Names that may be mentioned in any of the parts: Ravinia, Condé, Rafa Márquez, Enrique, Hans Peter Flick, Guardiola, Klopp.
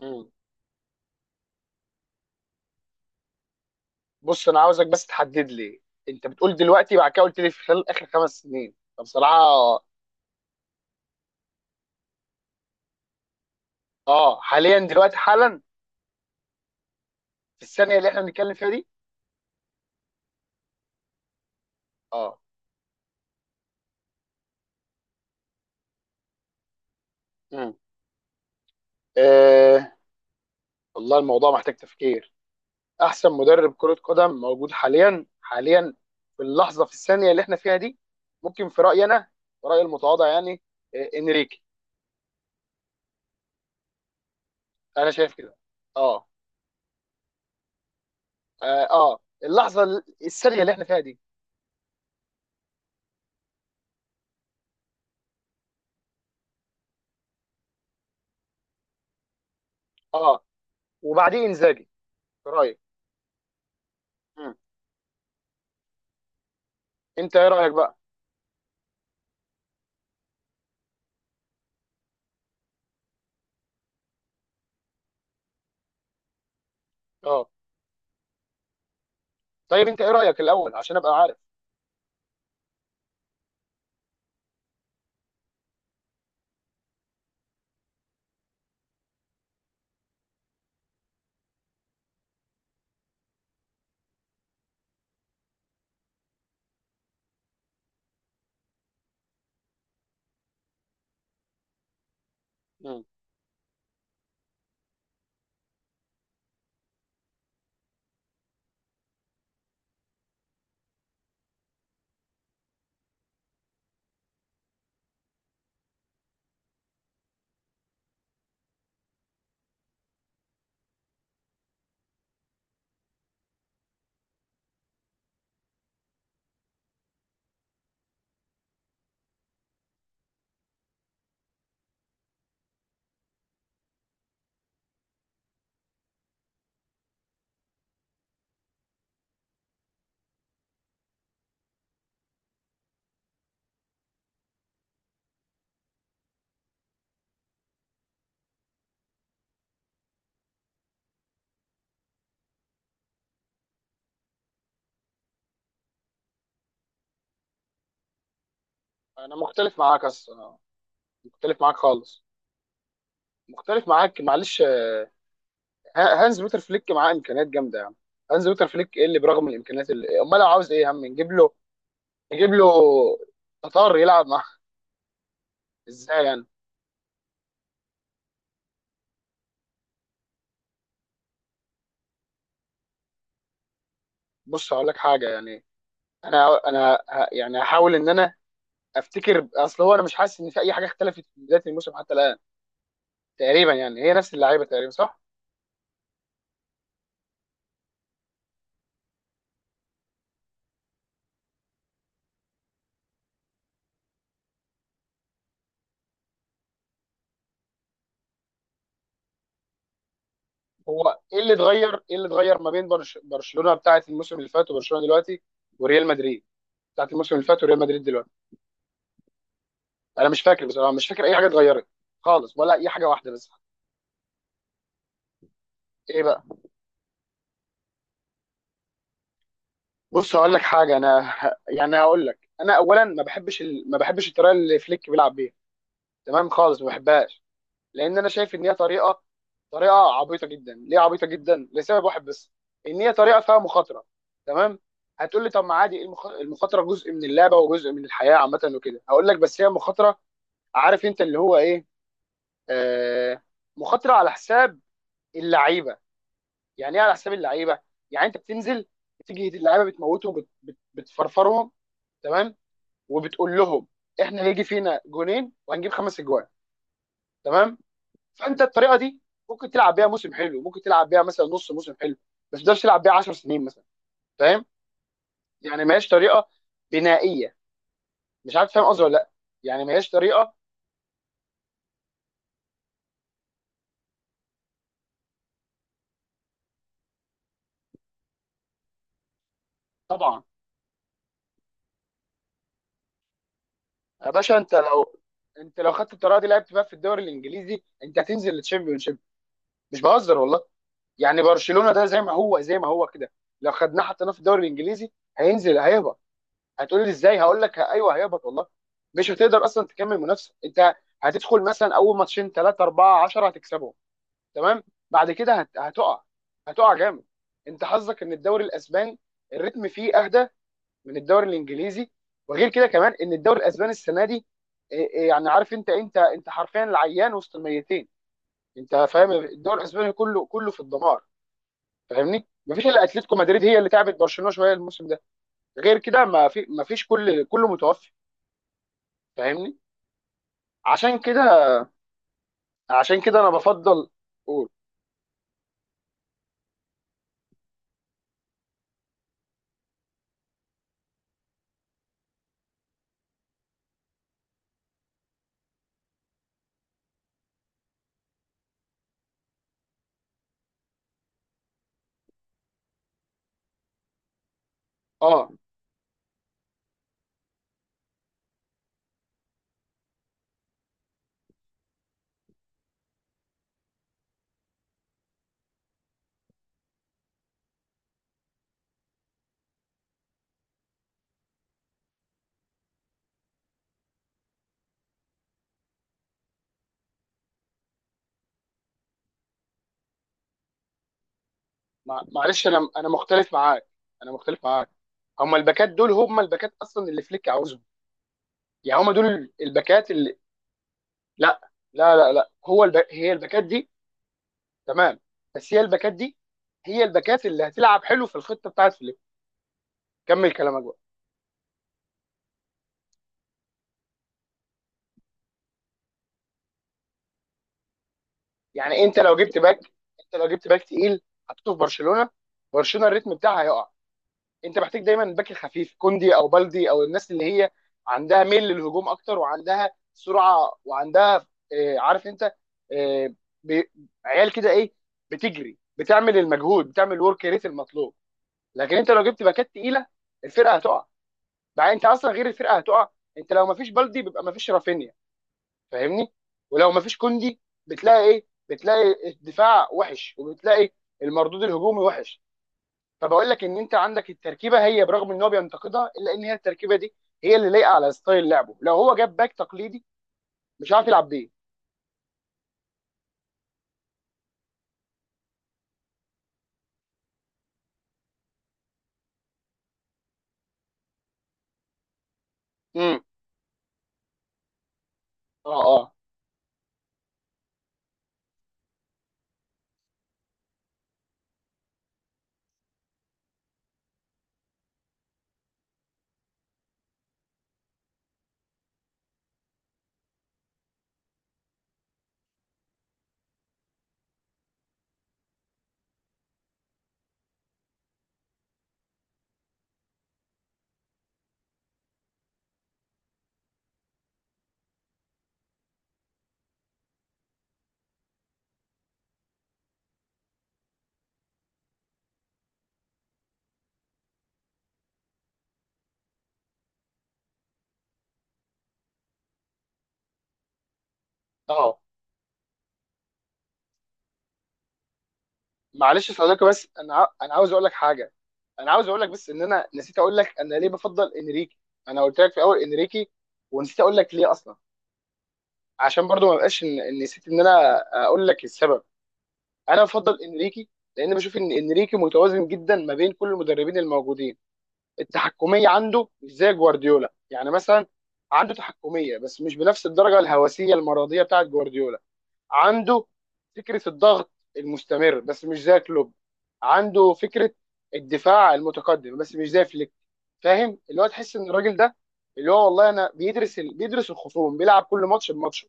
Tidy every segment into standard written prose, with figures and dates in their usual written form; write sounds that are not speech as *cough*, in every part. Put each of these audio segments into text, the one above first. مم. بص انا عاوزك بس تحدد لي. انت بتقول دلوقتي، بعد كده قلت لي في خلال اخر خمس سنين. فبصراحه اه حاليا دلوقتي حالا، في الثانيه اللي احنا بنتكلم فيها دي. اه. مم. آه، والله الموضوع محتاج تفكير. احسن مدرب كره قدم موجود حاليا حاليا، في اللحظه في الثانيه اللي احنا فيها دي، ممكن في رايي انا، رايي المتواضع يعني، آه انريكي. انا شايف كده. اه. اه، آه. اللحظه الثانيه اللي احنا فيها دي. اه، وبعديه انزاجي في رايي. انت ايه رايك بقى؟ اه، طيب انت ايه رايك الاول عشان ابقى عارف؟ مم. انا مختلف معاك أص... آه، مختلف معاك خالص. مختلف معاك معلش آه، هانز بيتر فليك معاه امكانيات جامده يعني. هانز بيتر فليك ايه اللي برغم الامكانيات، اللي امال لو عاوز ايه يا عم نجيب له، نجيب له تطار يلعب معاه. *laughs* ازاي يعني؟ بص هقول لك حاجه يعني. انا يعني هحاول ان انا افتكر. اصل هو انا مش حاسس ان في اي حاجه اختلفت من بدايه الموسم حتى الان، تقريبا يعني هي نفس اللعيبه تقريبا صح؟ هو ايه اللي اتغير؟ ايه اللي اتغير ما بين برشلونه بتاعه الموسم اللي فات وبرشلونه دلوقتي، وريال مدريد بتاعه الموسم اللي فات وريال مدريد دلوقتي؟ انا مش فاكر بصراحه، مش فاكر اي حاجه اتغيرت خالص، ولا اي حاجه واحده بس. ايه بقى؟ بص هقول لك حاجه انا. يعني هقول لك انا اولا ما بحبش الطريقه اللي فليك بيلعب بيها. تمام خالص، ما بحبهاش. لان انا شايف ان هي طريقه، طريقه عبيطه جدا. ليه عبيطه جدا؟ لسبب واحد بس، ان هي طريقه فيها مخاطره. تمام. هتقول لي طب ما عادي، إيه المخاطره جزء من اللعبه وجزء من الحياه عامه وكده. هقول لك بس هي مخاطره، عارف انت اللي هو ايه، آه، مخاطره على حساب اللعيبه. يعني ايه على حساب اللعيبه؟ يعني انت بتنزل، بتيجي اللعيبه بتموتهم، بتفرفرهم، تمام، وبتقول لهم احنا هيجي فينا جونين وهنجيب خمس اجوان. تمام. فانت الطريقه دي ممكن تلعب بيها موسم حلو، ممكن تلعب بيها مثلا نص موسم حلو، بس ما تقدرش تلعب بيها 10 سنين مثلا. فاهم؟ يعني ما هياش طريقه بنائيه. مش عارف فاهم قصدي ولا لا. يعني ما هياش طريقه. طبعا. يا باشا انت لو، انت لو خدت الطريقه دي لعبت بقى في الدوري الانجليزي، انت هتنزل للتشامبيون شيب. مش بهزر والله. يعني برشلونه ده زي ما هو زي ما هو كده، لو خدناه حطيناه في الدوري الانجليزي هينزل هيهبط. هتقول لي ازاي؟ هقول لك ايوه هيهبط والله. مش هتقدر اصلا تكمل منافسه انت. هتدخل مثلا اول ماتشين ثلاثه اربعه 10 هتكسبهم، تمام، بعد كده هتقع، هتقع جامد. انت حظك ان الدوري الاسباني الريتم فيه اهدى من الدوري الانجليزي. وغير كده كمان، ان الدوري الاسباني السنه دي، إيه إيه يعني، عارف انت حرفيا العيان وسط الميتين. انت فاهم؟ الدوري الاسباني كله كله في الدمار. فاهمني؟ مفيش الا اتلتيكو مدريد هي اللي تعبت برشلونه شويه الموسم ده. غير كده ما فيش، كل كله متوفي. فاهمني؟ عشان كده، عشان كده انا بفضل. قول. اه، معلش انا مختلف معاك، انا مختلف معاك. هم الباكات دول هم الباكات اصلا اللي فليك عاوزهم. يعني هم دول الباكات اللي، لا لا لا لا، هي الباكات دي. تمام. بس هي الباكات دي، هي الباكات اللي هتلعب حلو في الخطه بتاعت فليك. كمل كلامك بقى. يعني انت لو جبت باك، انت لو جبت باك تقيل، حطيته في برشلونه، برشلونه الريتم بتاعها هيقع. انت محتاج دايما باك خفيف، كوندي او بلدي، او الناس اللي هي عندها ميل للهجوم اكتر وعندها سرعه، وعندها آه، عارف انت، آه، بي- عيال كده ايه، بتجري، بتعمل المجهود، بتعمل الورك ريت المطلوب. لكن انت لو جبت باكات تقيله، الفرقه هتقع. بقى انت اصلا غير الفرقه هتقع، انت لو مفيش بلدي بيبقى مفيش رافينيا. فاهمني؟ ولو مفيش كوندي، بتلاقي ايه؟ بتلاقي الدفاع وحش، وبتلاقي المردود الهجومي وحش. طب اقول لك ان انت عندك التركيبه، هي برغم ان هو بينتقدها، الا ان هي التركيبه دي هي اللي لايقه على ستايل لعبه. لو هو جاب باك تقليدي مش عارف يلعب بيه. امم. اه. اه. اه. معلش يا صديقي، بس انا عاوز اقول لك حاجه، انا عاوز اقول لك بس ان انا نسيت اقول لك انا ليه بفضل انريكي. انا قلت لك في الاول انريكي ونسيت اقول لك ليه اصلا. عشان برضو ما بقاش إن نسيت ان انا اقول لك السبب. انا بفضل انريكي لان بشوف ان انريكي متوازن جدا ما بين كل المدربين الموجودين. التحكميه عنده مش زي جوارديولا يعني مثلا، عنده تحكميه بس مش بنفس الدرجه الهوسيه المرضيه بتاعت جوارديولا. عنده فكره الضغط المستمر بس مش زي كلوب. عنده فكره الدفاع المتقدم بس مش زي فليك. فاهم؟ اللي هو تحس ان الراجل ده، اللي هو والله، انا بيدرس الخصوم، بيلعب كل ماتش بماتشه.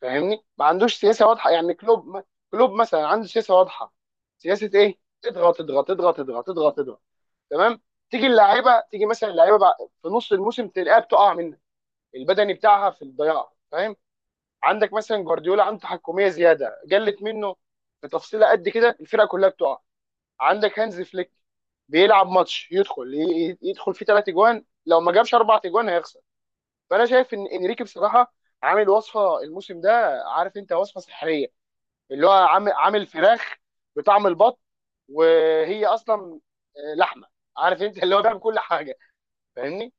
فاهمني؟ ما عندوش سياسه واضحه يعني. كلوب، كلوب مثلا عنده سياسه واضحه. سياسه ايه؟ اضغط اضغط اضغط اضغط اضغط اضغط. تمام. تيجي اللعيبه، تيجي مثلا اللعيبه في نص الموسم تلاقيها بتقع منك، البدني بتاعها في الضياع. فاهم؟ عندك مثلا جوارديولا عنده تحكميه زياده قلت منه في تفصيله قد كده الفرقه كلها بتقع. عندك هانز فليك، بيلعب ماتش يدخل يدخل فيه ثلاث اجوان، لو ما جابش اربع اجوان هيخسر. فانا شايف ان انريكي بصراحه عامل وصفه الموسم ده، عارف انت، وصفه سحريه. اللي هو عامل عامل فراخ بطعم البط، وهي اصلا آه، لحمه. عارف انت اللي هو بيعمل كل حاجه. فاهمني؟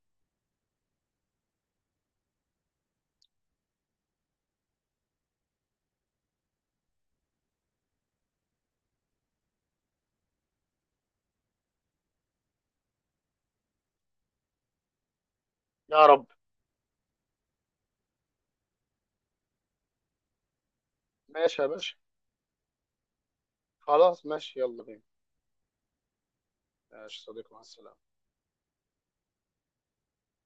يا رب. ماشي يا باشا. خلاص ماشي يلا بينا. ماشي يا صديقي، مع السلامة.